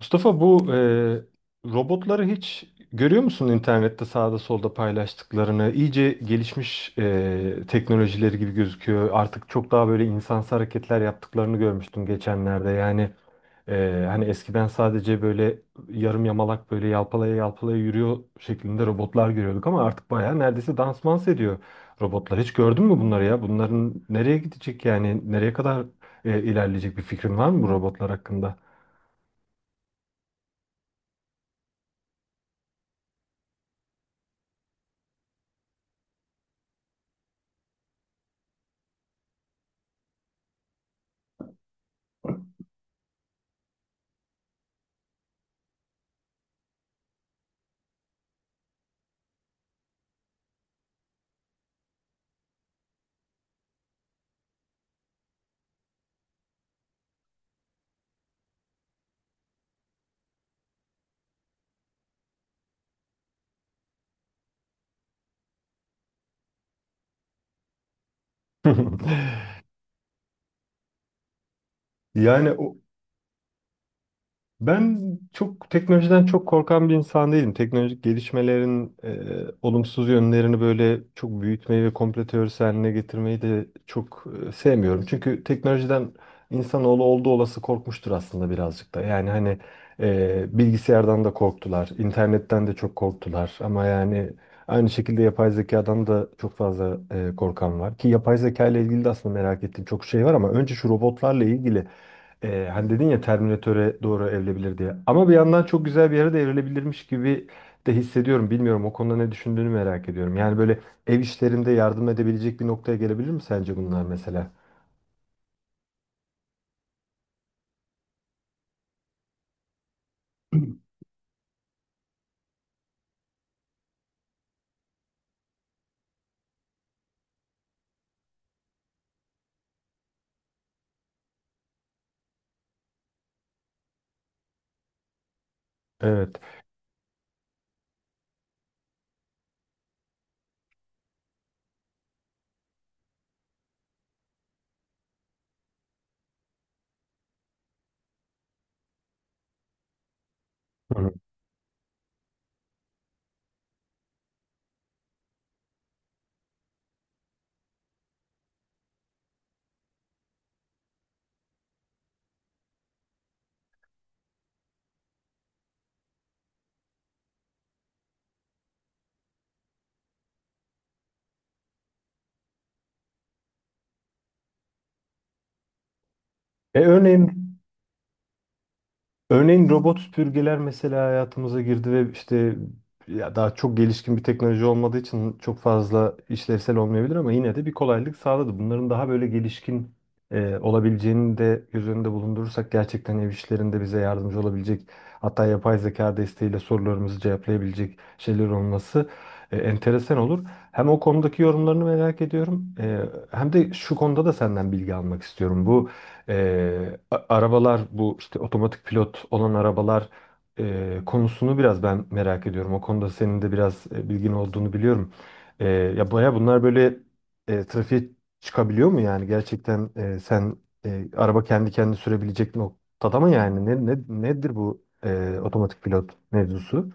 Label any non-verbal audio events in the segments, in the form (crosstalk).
Mustafa, bu robotları hiç görüyor musun internette sağda solda paylaştıklarını? İyice gelişmiş teknolojileri gibi gözüküyor. Artık çok daha böyle insansı hareketler yaptıklarını görmüştüm geçenlerde. Yani hani eskiden sadece böyle yarım yamalak böyle yalpalaya yalpalaya yürüyor şeklinde robotlar görüyorduk ama artık baya neredeyse dansmans ediyor robotlar. Hiç gördün mü bunları ya? Bunların nereye gidecek yani nereye kadar ilerleyecek bir fikrin var mı bu robotlar hakkında? (laughs) Yani ben çok teknolojiden çok korkan bir insan değilim. Teknolojik gelişmelerin olumsuz yönlerini böyle çok büyütmeyi ve komplo teorisi haline getirmeyi de çok sevmiyorum. Çünkü teknolojiden insanoğlu olduğu olası korkmuştur aslında birazcık da. Yani hani bilgisayardan da korktular, internetten de çok korktular. Ama yani aynı şekilde yapay zekadan da çok fazla korkan var. Ki yapay zeka ile ilgili de aslında merak ettiğim çok şey var ama önce şu robotlarla ilgili. Hani dedin ya Terminator'e doğru evrilebilir diye. Ama bir yandan çok güzel bir yere de evrilebilirmiş gibi de hissediyorum. Bilmiyorum o konuda ne düşündüğünü merak ediyorum. Yani böyle ev işlerinde yardım edebilecek bir noktaya gelebilir mi sence bunlar mesela? (clears throat) Evet. Hı hı. E örneğin, örneğin robot süpürgeler mesela hayatımıza girdi ve işte ya daha çok gelişkin bir teknoloji olmadığı için çok fazla işlevsel olmayabilir ama yine de bir kolaylık sağladı. Bunların daha böyle gelişkin olabileceğini de göz önünde bulundurursak gerçekten ev işlerinde bize yardımcı olabilecek hatta yapay zeka desteğiyle sorularımızı cevaplayabilecek şeyler olması enteresan olur. Hem o konudaki yorumlarını merak ediyorum, hem de şu konuda da senden bilgi almak istiyorum. Bu arabalar, bu işte otomatik pilot olan arabalar konusunu biraz ben merak ediyorum. O konuda senin de biraz bilgin olduğunu biliyorum. Ya baya bunlar böyle trafiğe çıkabiliyor mu yani? Gerçekten sen araba kendi kendini sürebilecek noktada mı yani? Nedir bu otomatik pilot mevzusu?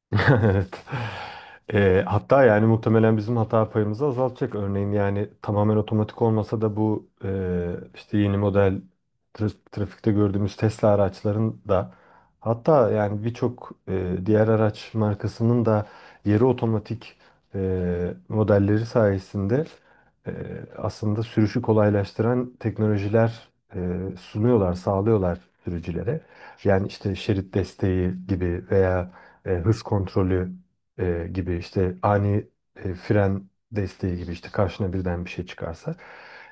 (laughs) Evet. Hatta yani muhtemelen bizim hata payımızı azaltacak. Örneğin yani tamamen otomatik olmasa da bu işte yeni model trafikte gördüğümüz Tesla araçların da hatta yani birçok diğer araç markasının da yarı otomatik modelleri sayesinde aslında sürüşü kolaylaştıran teknolojiler eee, sunuyorlar, sağlıyorlar sürücülere. Yani işte şerit desteği gibi veya hız kontrolü gibi, işte ani fren desteği gibi, işte karşına birden bir şey çıkarsa.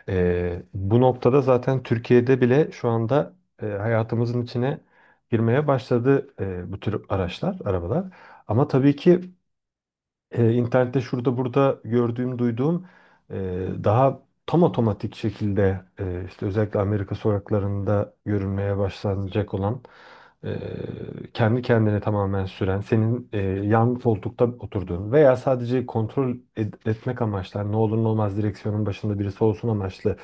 E, bu noktada zaten Türkiye'de bile şu anda hayatımızın içine girmeye başladı bu tür araçlar, arabalar. Ama tabii ki internette şurada burada gördüğüm, duyduğum daha tam otomatik şekilde işte özellikle Amerika sokaklarında görülmeye başlanacak olan kendi kendine tamamen süren, senin yan koltukta oturduğun veya sadece etmek amaçlı, hani ne olur ne olmaz direksiyonun başında birisi olsun amaçlı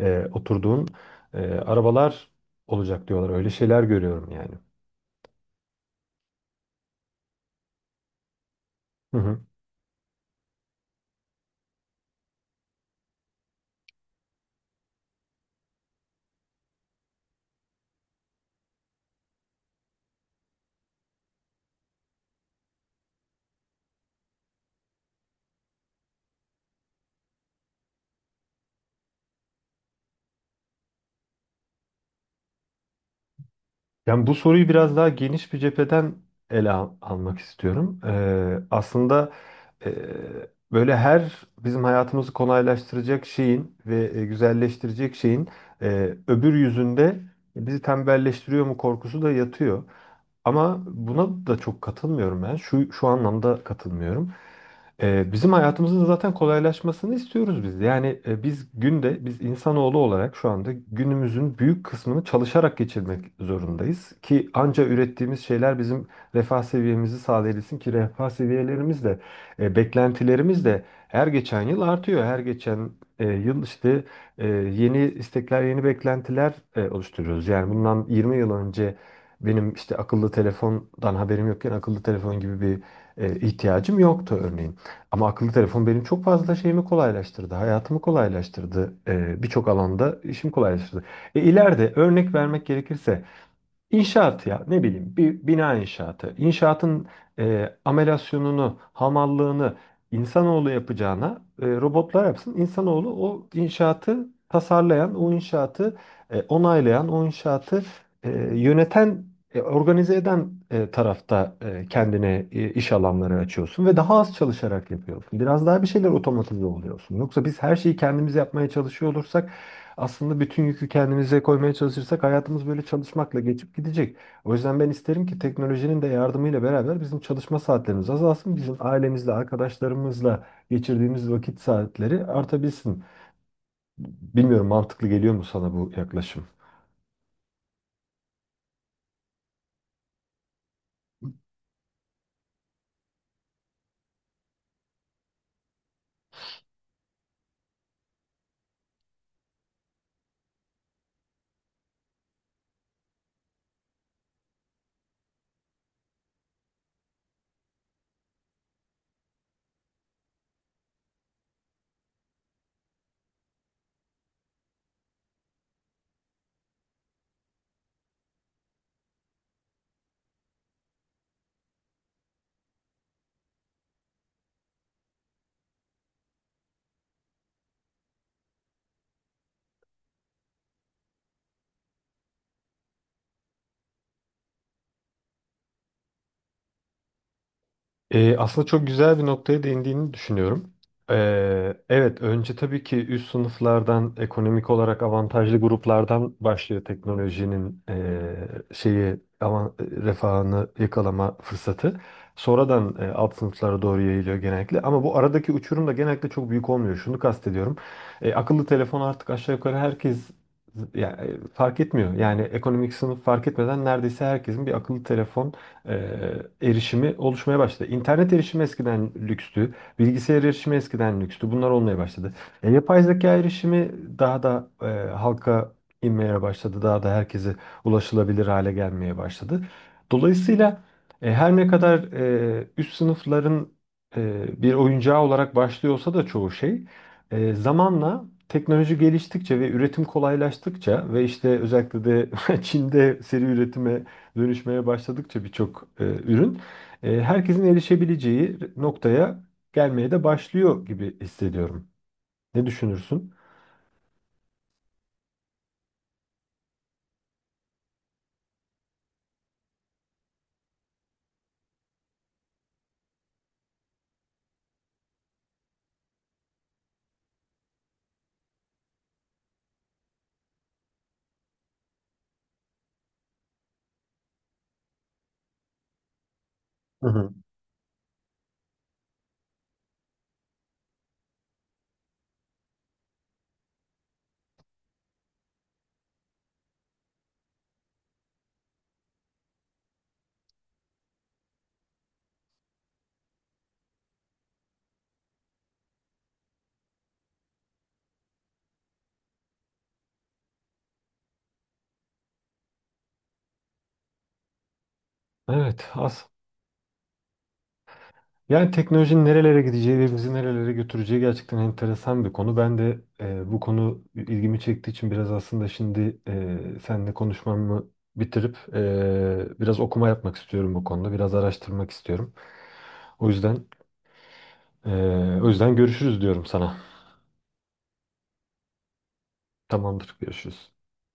oturduğun arabalar olacak diyorlar. Öyle şeyler görüyorum yani. Yani bu soruyu biraz daha geniş bir cepheden almak istiyorum. Aslında e, böyle her bizim hayatımızı kolaylaştıracak şeyin ve güzelleştirecek şeyin öbür yüzünde bizi tembelleştiriyor mu korkusu da yatıyor. Ama buna da çok katılmıyorum ben. Şu anlamda katılmıyorum. Bizim hayatımızın zaten kolaylaşmasını istiyoruz biz. Yani biz insanoğlu olarak şu anda günümüzün büyük kısmını çalışarak geçirmek zorundayız. Ki anca ürettiğimiz şeyler bizim refah seviyemizi sağlayabilsin ki refah seviyelerimiz de, beklentilerimiz de her geçen yıl artıyor. Her geçen yıl işte yeni istekler, yeni beklentiler oluşturuyoruz. Yani bundan 20 yıl önce benim işte akıllı telefondan haberim yokken akıllı telefon gibi bir ihtiyacım yoktu örneğin. Ama akıllı telefon benim çok fazla şeyimi kolaylaştırdı, hayatımı kolaylaştırdı, birçok alanda işimi kolaylaştırdı. E, ileride örnek vermek gerekirse, İnşaat ya ne bileyim, bir bina inşaatı. İnşaatın amelasyonunu, hamallığını insanoğlu yapacağına robotlar yapsın. İnsanoğlu o inşaatı tasarlayan, o inşaatı onaylayan, o inşaatı yöneten, organize eden tarafta kendine iş alanları açıyorsun ve daha az çalışarak yapıyorsun. Biraz daha bir şeyler otomatize oluyorsun. Yoksa biz her şeyi kendimiz yapmaya çalışıyor olursak, aslında bütün yükü kendimize koymaya çalışırsak, hayatımız böyle çalışmakla geçip gidecek. O yüzden ben isterim ki teknolojinin de yardımıyla beraber bizim çalışma saatlerimiz azalsın. Bizim ailemizle, arkadaşlarımızla geçirdiğimiz vakit saatleri artabilsin. Bilmiyorum, mantıklı geliyor mu sana bu yaklaşım? Aslında çok güzel bir noktaya değindiğini düşünüyorum. Evet, önce tabii ki üst sınıflardan, ekonomik olarak avantajlı gruplardan başlıyor teknolojinin şeyi ama refahını yakalama fırsatı. Sonradan alt sınıflara doğru yayılıyor genellikle. Ama bu aradaki uçurum da genellikle çok büyük olmuyor. Şunu kastediyorum. E, akıllı telefon artık aşağı yukarı herkes, yani, fark etmiyor. Yani ekonomik sınıf fark etmeden neredeyse herkesin bir akıllı telefon e, erişimi oluşmaya başladı. İnternet erişimi eskiden lükstü, bilgisayar erişimi eskiden lükstü. Bunlar olmaya başladı. E, yapay zeka erişimi daha da halka inmeye başladı. Daha da herkese ulaşılabilir hale gelmeye başladı. Dolayısıyla her ne kadar üst sınıfların bir oyuncağı olarak başlıyorsa da çoğu şey zamanla teknoloji geliştikçe ve üretim kolaylaştıkça ve işte özellikle de (laughs) Çin'de seri üretime dönüşmeye başladıkça birçok ürün herkesin erişebileceği noktaya gelmeye de başlıyor gibi hissediyorum. Ne düşünürsün? Hı hı. Evet, az. Yani teknolojinin nerelere gideceği ve bizi nerelere götüreceği gerçekten enteresan bir konu. Ben de bu konu ilgimi çektiği için biraz aslında şimdi seninle konuşmamı bitirip biraz okuma yapmak istiyorum bu konuda. Biraz araştırmak istiyorum. O yüzden e, o yüzden görüşürüz diyorum sana. Tamamdır, görüşürüz.